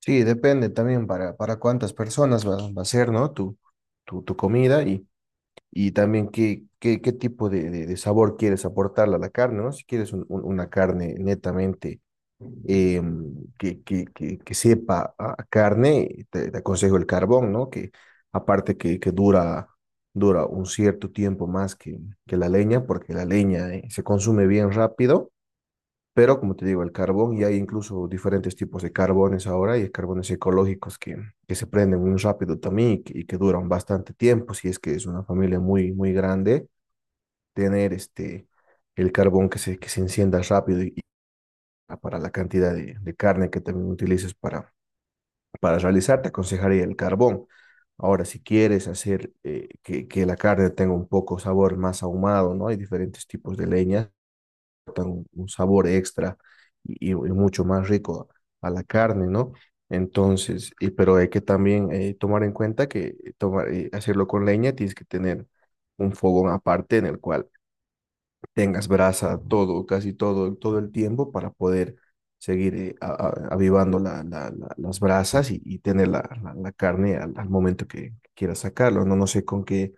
Sí, depende también para cuántas personas va a ser, ¿no? Tu comida y también qué tipo de sabor quieres aportarle a la carne, ¿no? Si quieres una carne netamente que sepa a carne, te aconsejo el carbón, ¿no? Que aparte que dura un cierto tiempo más que la leña, porque la leña se consume bien rápido. Pero como te digo, el carbón. Y hay incluso diferentes tipos de carbones ahora, y hay carbones ecológicos que se prenden muy rápido también y que duran bastante tiempo. Si es que es una familia muy, muy grande, tener este, el carbón que se encienda rápido y para la cantidad de carne que también utilices para realizar, te aconsejaría el carbón. Ahora, si quieres hacer que la carne tenga un poco sabor más ahumado, ¿no? Hay diferentes tipos de leñas, un sabor extra y mucho más rico a la carne, ¿no? Entonces, pero hay que también tomar en cuenta que hacerlo con leña. Tienes que tener un fogón aparte en el cual tengas brasa todo, casi todo, todo el tiempo para poder seguir avivando las brasas y tener la carne al momento que quieras sacarlo, ¿no?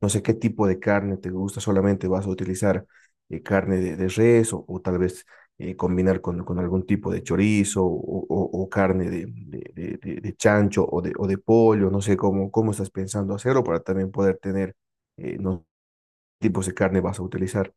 No sé qué tipo de carne te gusta, solamente vas a utilizar carne de res o tal vez combinar con algún tipo de chorizo o carne de chancho o de pollo. No sé cómo estás pensando hacerlo para también poder tener no tipos de carne vas a utilizar.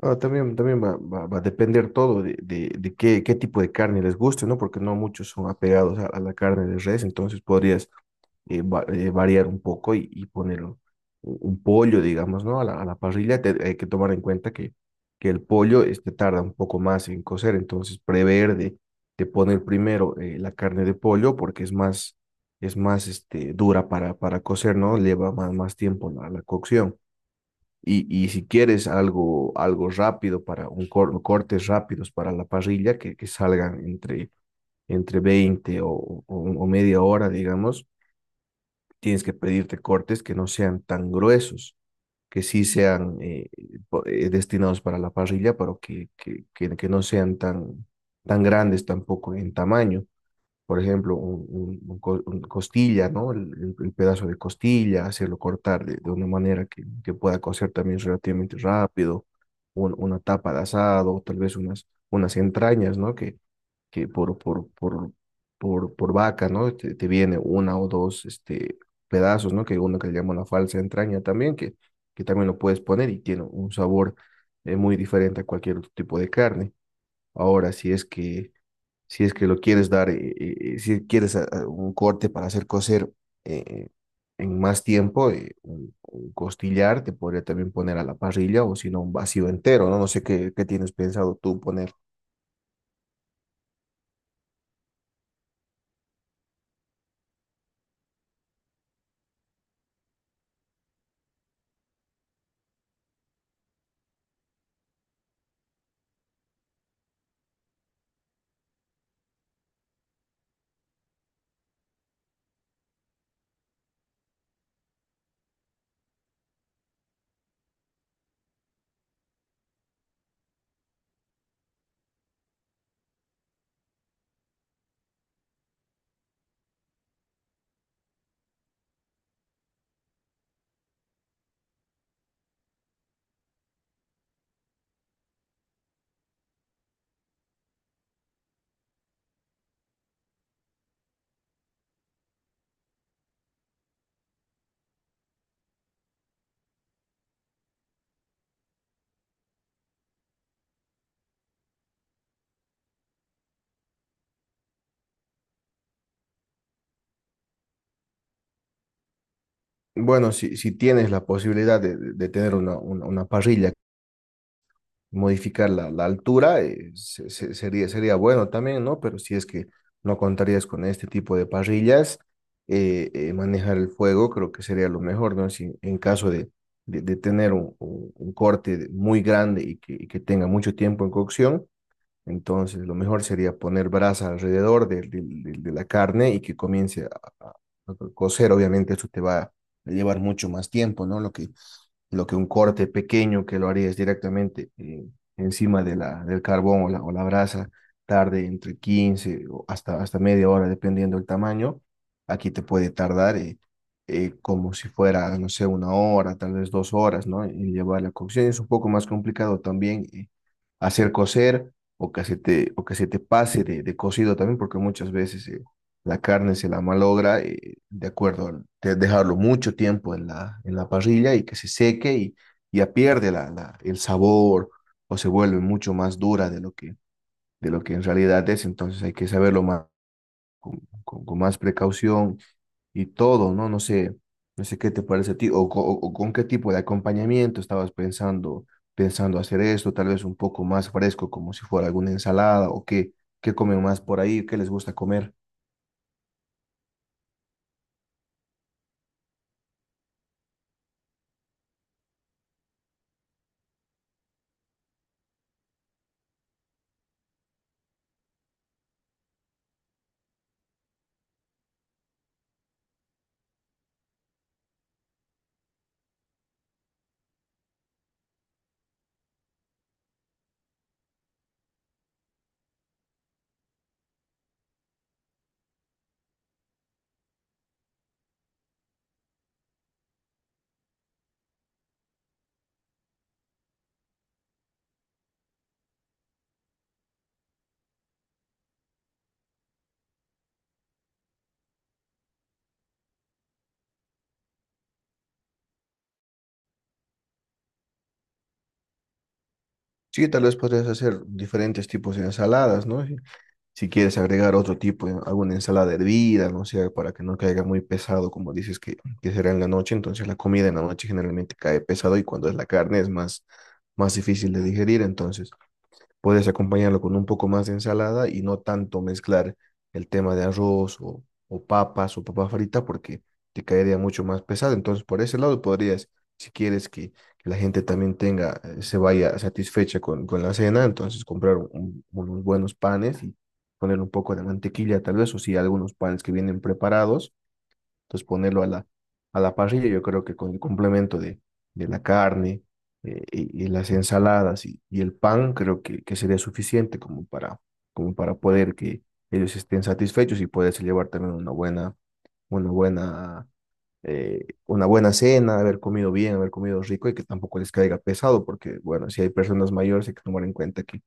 Ah, también va a depender todo de qué tipo de carne les guste, ¿no? Porque no muchos son apegados a la carne de res, entonces podrías variar un poco y poner un pollo, digamos, ¿no? A la parrilla. Hay que tomar en cuenta que el pollo este, tarda un poco más en cocer, entonces prever de poner primero la carne de pollo porque es más, este, dura para cocer, ¿no? Lleva más, más tiempo la cocción. Y si quieres algo, rápido para cortes rápidos para la parrilla que salgan entre 20 o media hora, digamos, tienes que pedirte cortes que no sean tan gruesos, que sí sean destinados para la parrilla, pero que no sean tan, tan grandes tampoco en tamaño. Por ejemplo, un costilla, ¿no? El pedazo de costilla, hacerlo cortar de una manera que pueda cocer también relativamente rápido, una tapa de asado, o tal vez unas entrañas, ¿no? Que por vaca, ¿no? Te viene una o dos pedazos, ¿no? Que uno que le llama una falsa entraña también, que también lo puedes poner y tiene un sabor muy diferente a cualquier otro tipo de carne. Ahora, si es que lo quieres dar, si quieres a un corte para hacer cocer eh, eh, en más tiempo, un costillar te podría también poner a la parrilla, o si no un vacío entero, ¿no? No sé qué tienes pensado tú poner. Bueno, si tienes la posibilidad de tener una parrilla, modificar la altura, sería bueno también, ¿no? Pero si es que no contarías con este tipo de parrillas, manejar el fuego creo que sería lo mejor, ¿no? Si en caso de tener un corte muy grande y que tenga mucho tiempo en cocción, entonces lo mejor sería poner brasa alrededor de de la carne y que comience a cocer. Obviamente, eso te va a llevar mucho más tiempo, ¿no? Lo que un corte pequeño que lo harías directamente encima de del carbón o la brasa, tarde entre 15 o hasta media hora, dependiendo del tamaño. Aquí te puede tardar como si fuera, no sé, una hora, tal vez 2 horas, ¿no? En llevar la cocción. Es un poco más complicado también hacer cocer, o que se te pase de cocido también, porque muchas veces la carne se la malogra de acuerdo al de dejarlo mucho tiempo en la, parrilla y que se seque y ya pierde el sabor, o se vuelve mucho más dura de lo que en realidad es. Entonces hay que saberlo más, con más precaución y todo, ¿no? No sé qué te parece a ti, o con qué tipo de acompañamiento estabas pensando hacer esto. Tal vez un poco más fresco, como si fuera alguna ensalada, o qué comen más por ahí, qué les gusta comer. Sí, tal vez podrías hacer diferentes tipos de ensaladas, ¿no? Si, si quieres agregar otro tipo, alguna ensalada hervida, no sé, para que no caiga muy pesado, como dices que será en la noche. Entonces la comida en la noche generalmente cae pesado, y cuando es la carne es más, más difícil de digerir. Entonces puedes acompañarlo con un poco más de ensalada y no tanto mezclar el tema de arroz o papas o papa frita, porque te caería mucho más pesado. Entonces, por ese lado podrías, si quieres que la gente también tenga, se vaya satisfecha con la cena, entonces comprar unos buenos panes y poner un poco de mantequilla tal vez, o si hay algunos panes que vienen preparados, entonces ponerlo a la, parrilla. Yo creo que con el complemento de la carne y las ensaladas y el pan, creo que sería suficiente como para poder que ellos estén satisfechos y poderse llevar también una buena, una buena cena, haber comido bien, haber comido rico y que tampoco les caiga pesado. Porque bueno, si hay personas mayores hay que tomar en cuenta que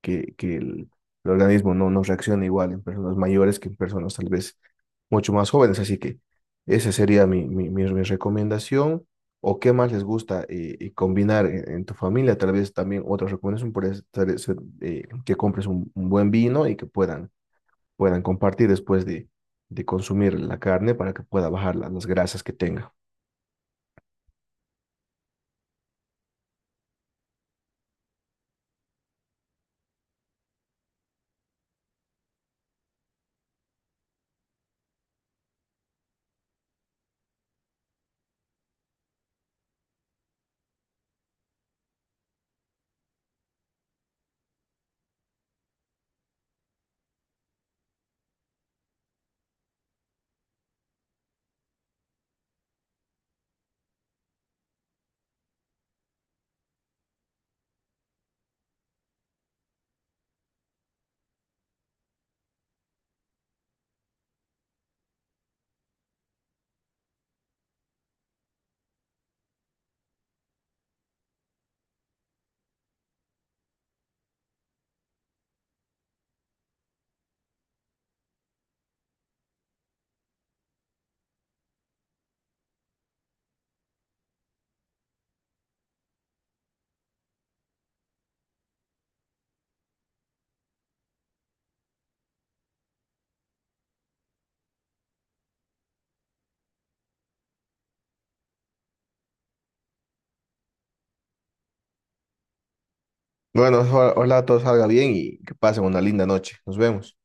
que, que el organismo no reacciona igual en personas mayores que en personas tal vez mucho más jóvenes. Así que esa sería mi recomendación. ¿O qué más les gusta combinar en tu familia? Tal vez también otra recomendación puede ser, que compres un buen vino y que puedan compartir después de consumir la carne, para que pueda bajar las grasas que tenga. Bueno, ojalá todo salga bien y que pasen una linda noche. Nos vemos.